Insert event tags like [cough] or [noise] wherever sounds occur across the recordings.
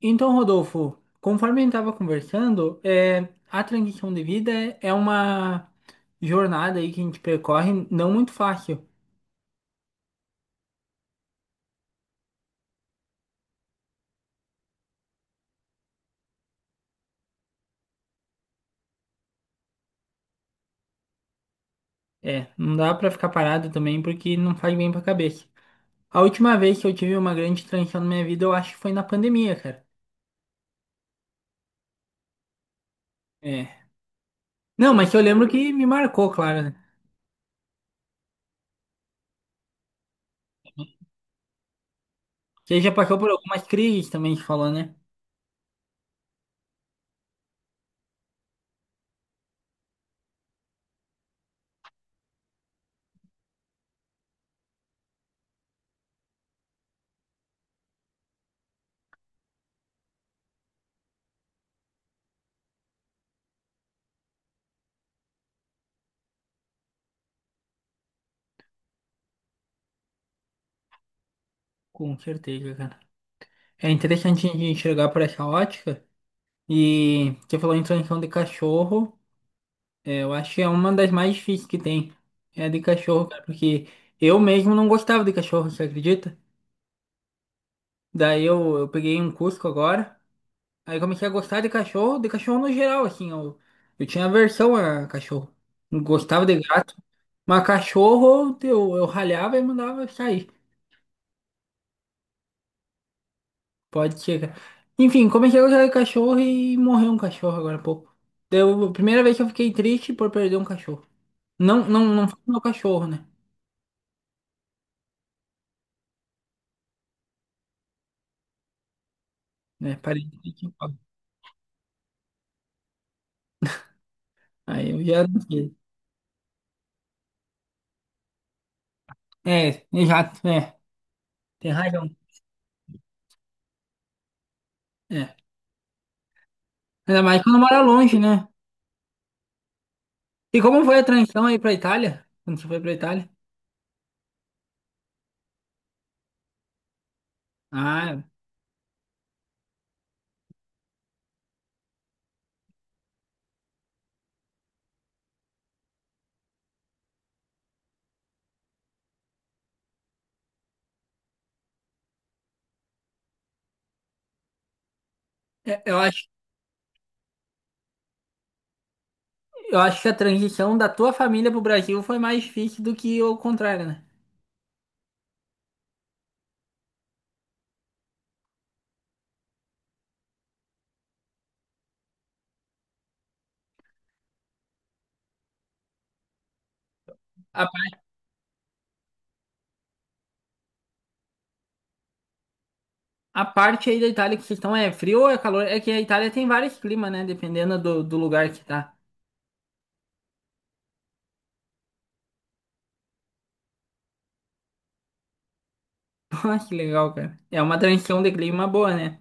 Então, Rodolfo, conforme a gente estava conversando, a transição de vida é uma jornada aí que a gente percorre não muito fácil. É, não dá para ficar parado também porque não faz bem para a cabeça. A última vez que eu tive uma grande transição na minha vida, eu acho que foi na pandemia, cara. É. Não, mas eu lembro que me marcou, claro, né? Você já passou por algumas crises também, você falou, né? Com certeza, cara. É interessante a gente enxergar por essa ótica. E você falou em transição de cachorro. É, eu acho que é uma das mais difíceis que tem. É a de cachorro, cara, porque eu mesmo não gostava de cachorro, você acredita? Daí eu peguei um Cusco agora, aí comecei a gostar de cachorro no geral, assim, eu tinha aversão a cachorro. Não gostava de gato, mas cachorro eu ralhava e mandava sair. Pode chegar. Enfim, comecei a gostar de cachorro e morreu um cachorro agora há pouco. Deu, primeira vez que eu fiquei triste por perder um cachorro. Não, não, não foi meu cachorro, né? Né, parente. Aí eu já não sei. É, exato, é. Tem razão. É. Ainda mais quando mora longe, né? E como foi a transição aí pra Itália? Quando você foi pra Itália? Ah, é, eu acho que a transição da tua família pro Brasil foi mais difícil do que o contrário, né? A, pa- a parte aí da Itália que vocês estão é frio ou é calor? É que a Itália tem vários climas, né? Dependendo do lugar que tá. [laughs] Pô, que legal, cara. É uma transição de clima boa, né?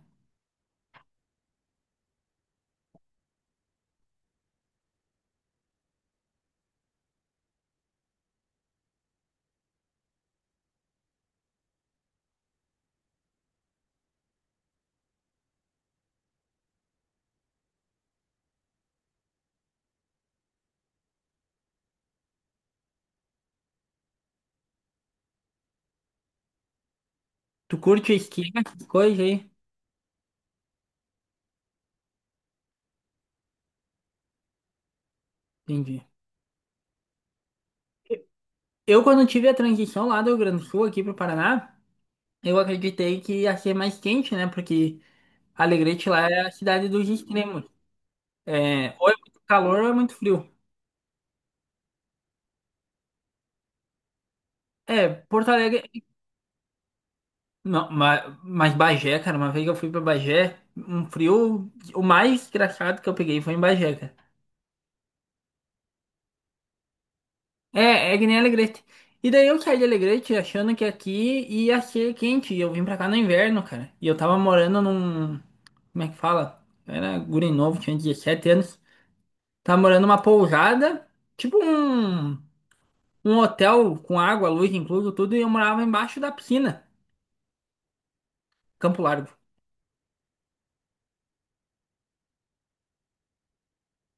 Tu curte esqui, essas coisas aí? Entendi. Eu, quando tive a transição lá do Rio Grande do Sul aqui pro Paraná, eu acreditei que ia ser mais quente, né? Porque Alegrete lá é a cidade dos extremos. É, ou é muito calor ou é muito frio. É, Porto Alegre. Não, mas Bagé, cara, uma vez que eu fui pra Bagé, um frio. O mais engraçado que eu peguei foi em Bagé, cara. É, é que nem Alegrete. E daí eu saí de Alegrete achando que aqui ia ser quente. E eu vim pra cá no inverno, cara. E eu tava morando num. Como é que fala? Eu era guri novo, tinha 17 anos. Tava morando numa pousada, tipo um. um hotel com água, luz incluso, tudo, e eu morava embaixo da piscina. Campo Largo.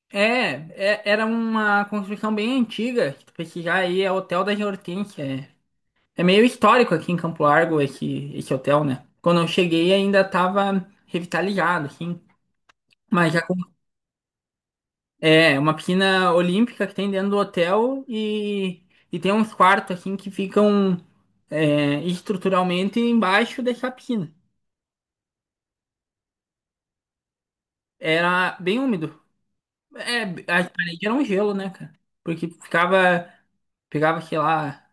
É, era uma construção bem antiga, se tu pesquisar aí, é Hotel das Hortênsias. É, é meio histórico aqui em Campo Largo esse hotel, né? Quando eu cheguei ainda estava revitalizado, assim. Mas já é uma piscina olímpica que tem dentro do hotel e tem uns quartos, assim, que ficam estruturalmente embaixo dessa piscina. Era bem úmido. É, a parede era um gelo, né, cara? Porque ficava, pegava, sei lá,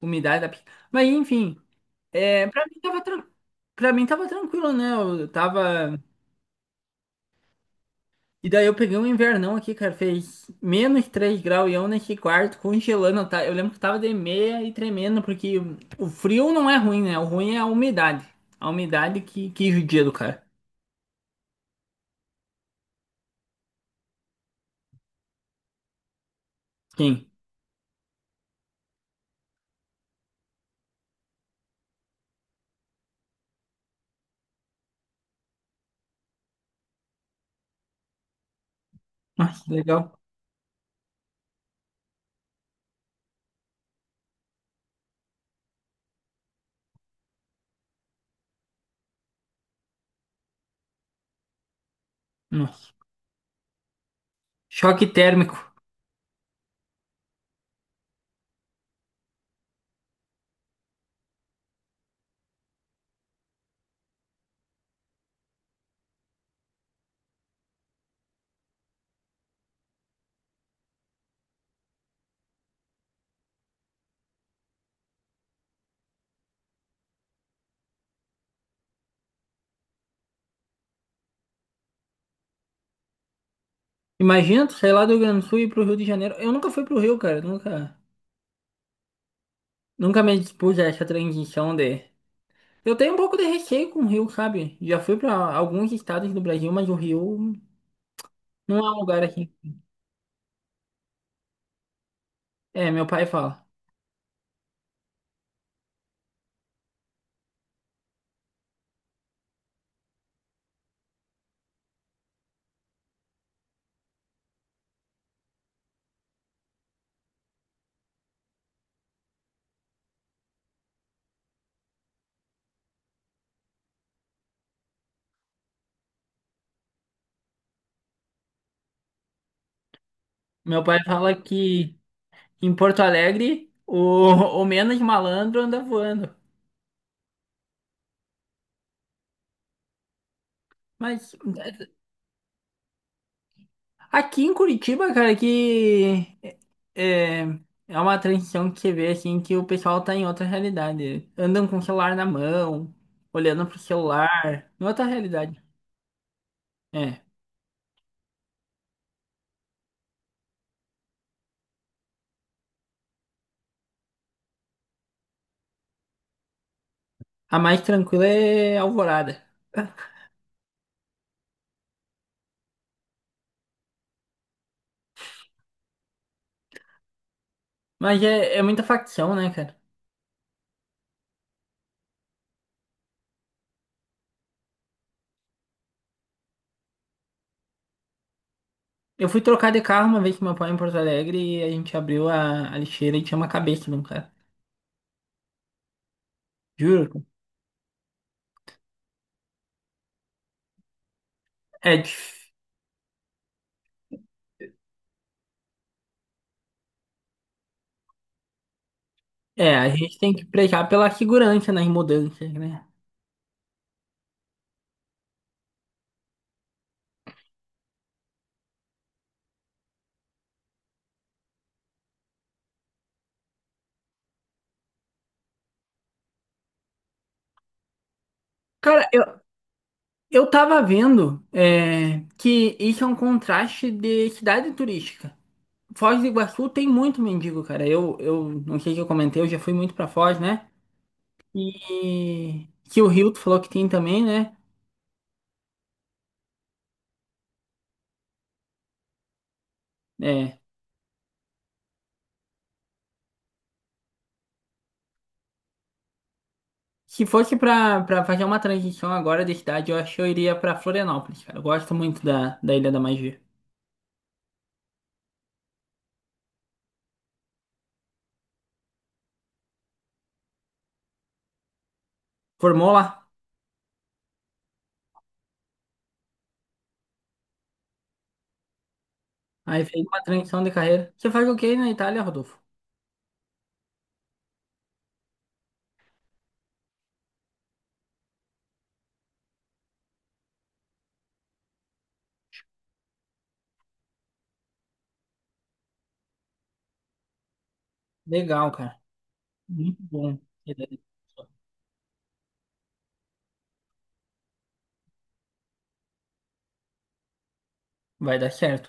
umidade da... pi- Mas, enfim, é, pra mim tava, tran... pra mim tava tranquilo, né? Eu tava... E daí eu peguei um invernão aqui, cara, fez -3 graus e eu nesse quarto congelando, tá? Eu lembro que tava de meia e tremendo, porque o frio não é ruim, né? O ruim é a umidade. A umidade que judia do cara. Sim. Nossa, legal. Nossa. Choque térmico. Imagina, tu sair lá do Rio Grande do Sul e ir pro Rio de Janeiro. Eu nunca fui pro Rio, cara. Nunca me dispus a essa transição de. Eu tenho um pouco de receio com o Rio, sabe? Já fui pra alguns estados do Brasil, mas o Rio não é um lugar aqui. É, meu pai fala. Meu pai fala que em Porto Alegre [laughs] o menos malandro anda voando. Mas aqui em Curitiba, cara, que é, é uma transição que você vê assim que o pessoal tá em outra realidade. Andam com o celular na mão, olhando pro celular, em outra realidade. É. A mais tranquila é Alvorada. Mas é, é muita facção, né, cara? Eu fui trocar de carro uma vez com meu pai em Porto Alegre e a gente abriu a lixeira e tinha uma cabeça de um cara. Juro, cara. É, dif- é, a gente tem que pregar pela segurança nas mudanças, né? Cara, eu, eu tava vendo é, que isso é um contraste de cidade turística. Foz do Iguaçu tem muito mendigo, cara. Eu não sei se eu comentei, eu já fui muito pra Foz, né? E que o Rio tu falou que tem também, né? É, se fosse pra fazer uma transição agora de cidade, eu acho que eu iria pra Florianópolis, cara. Eu gosto muito da Ilha da Magia. Formou lá, aí fez uma transição de carreira. Você faz o quê na Itália, Rodolfo? Legal, cara. Muito bom. Vai dar certo.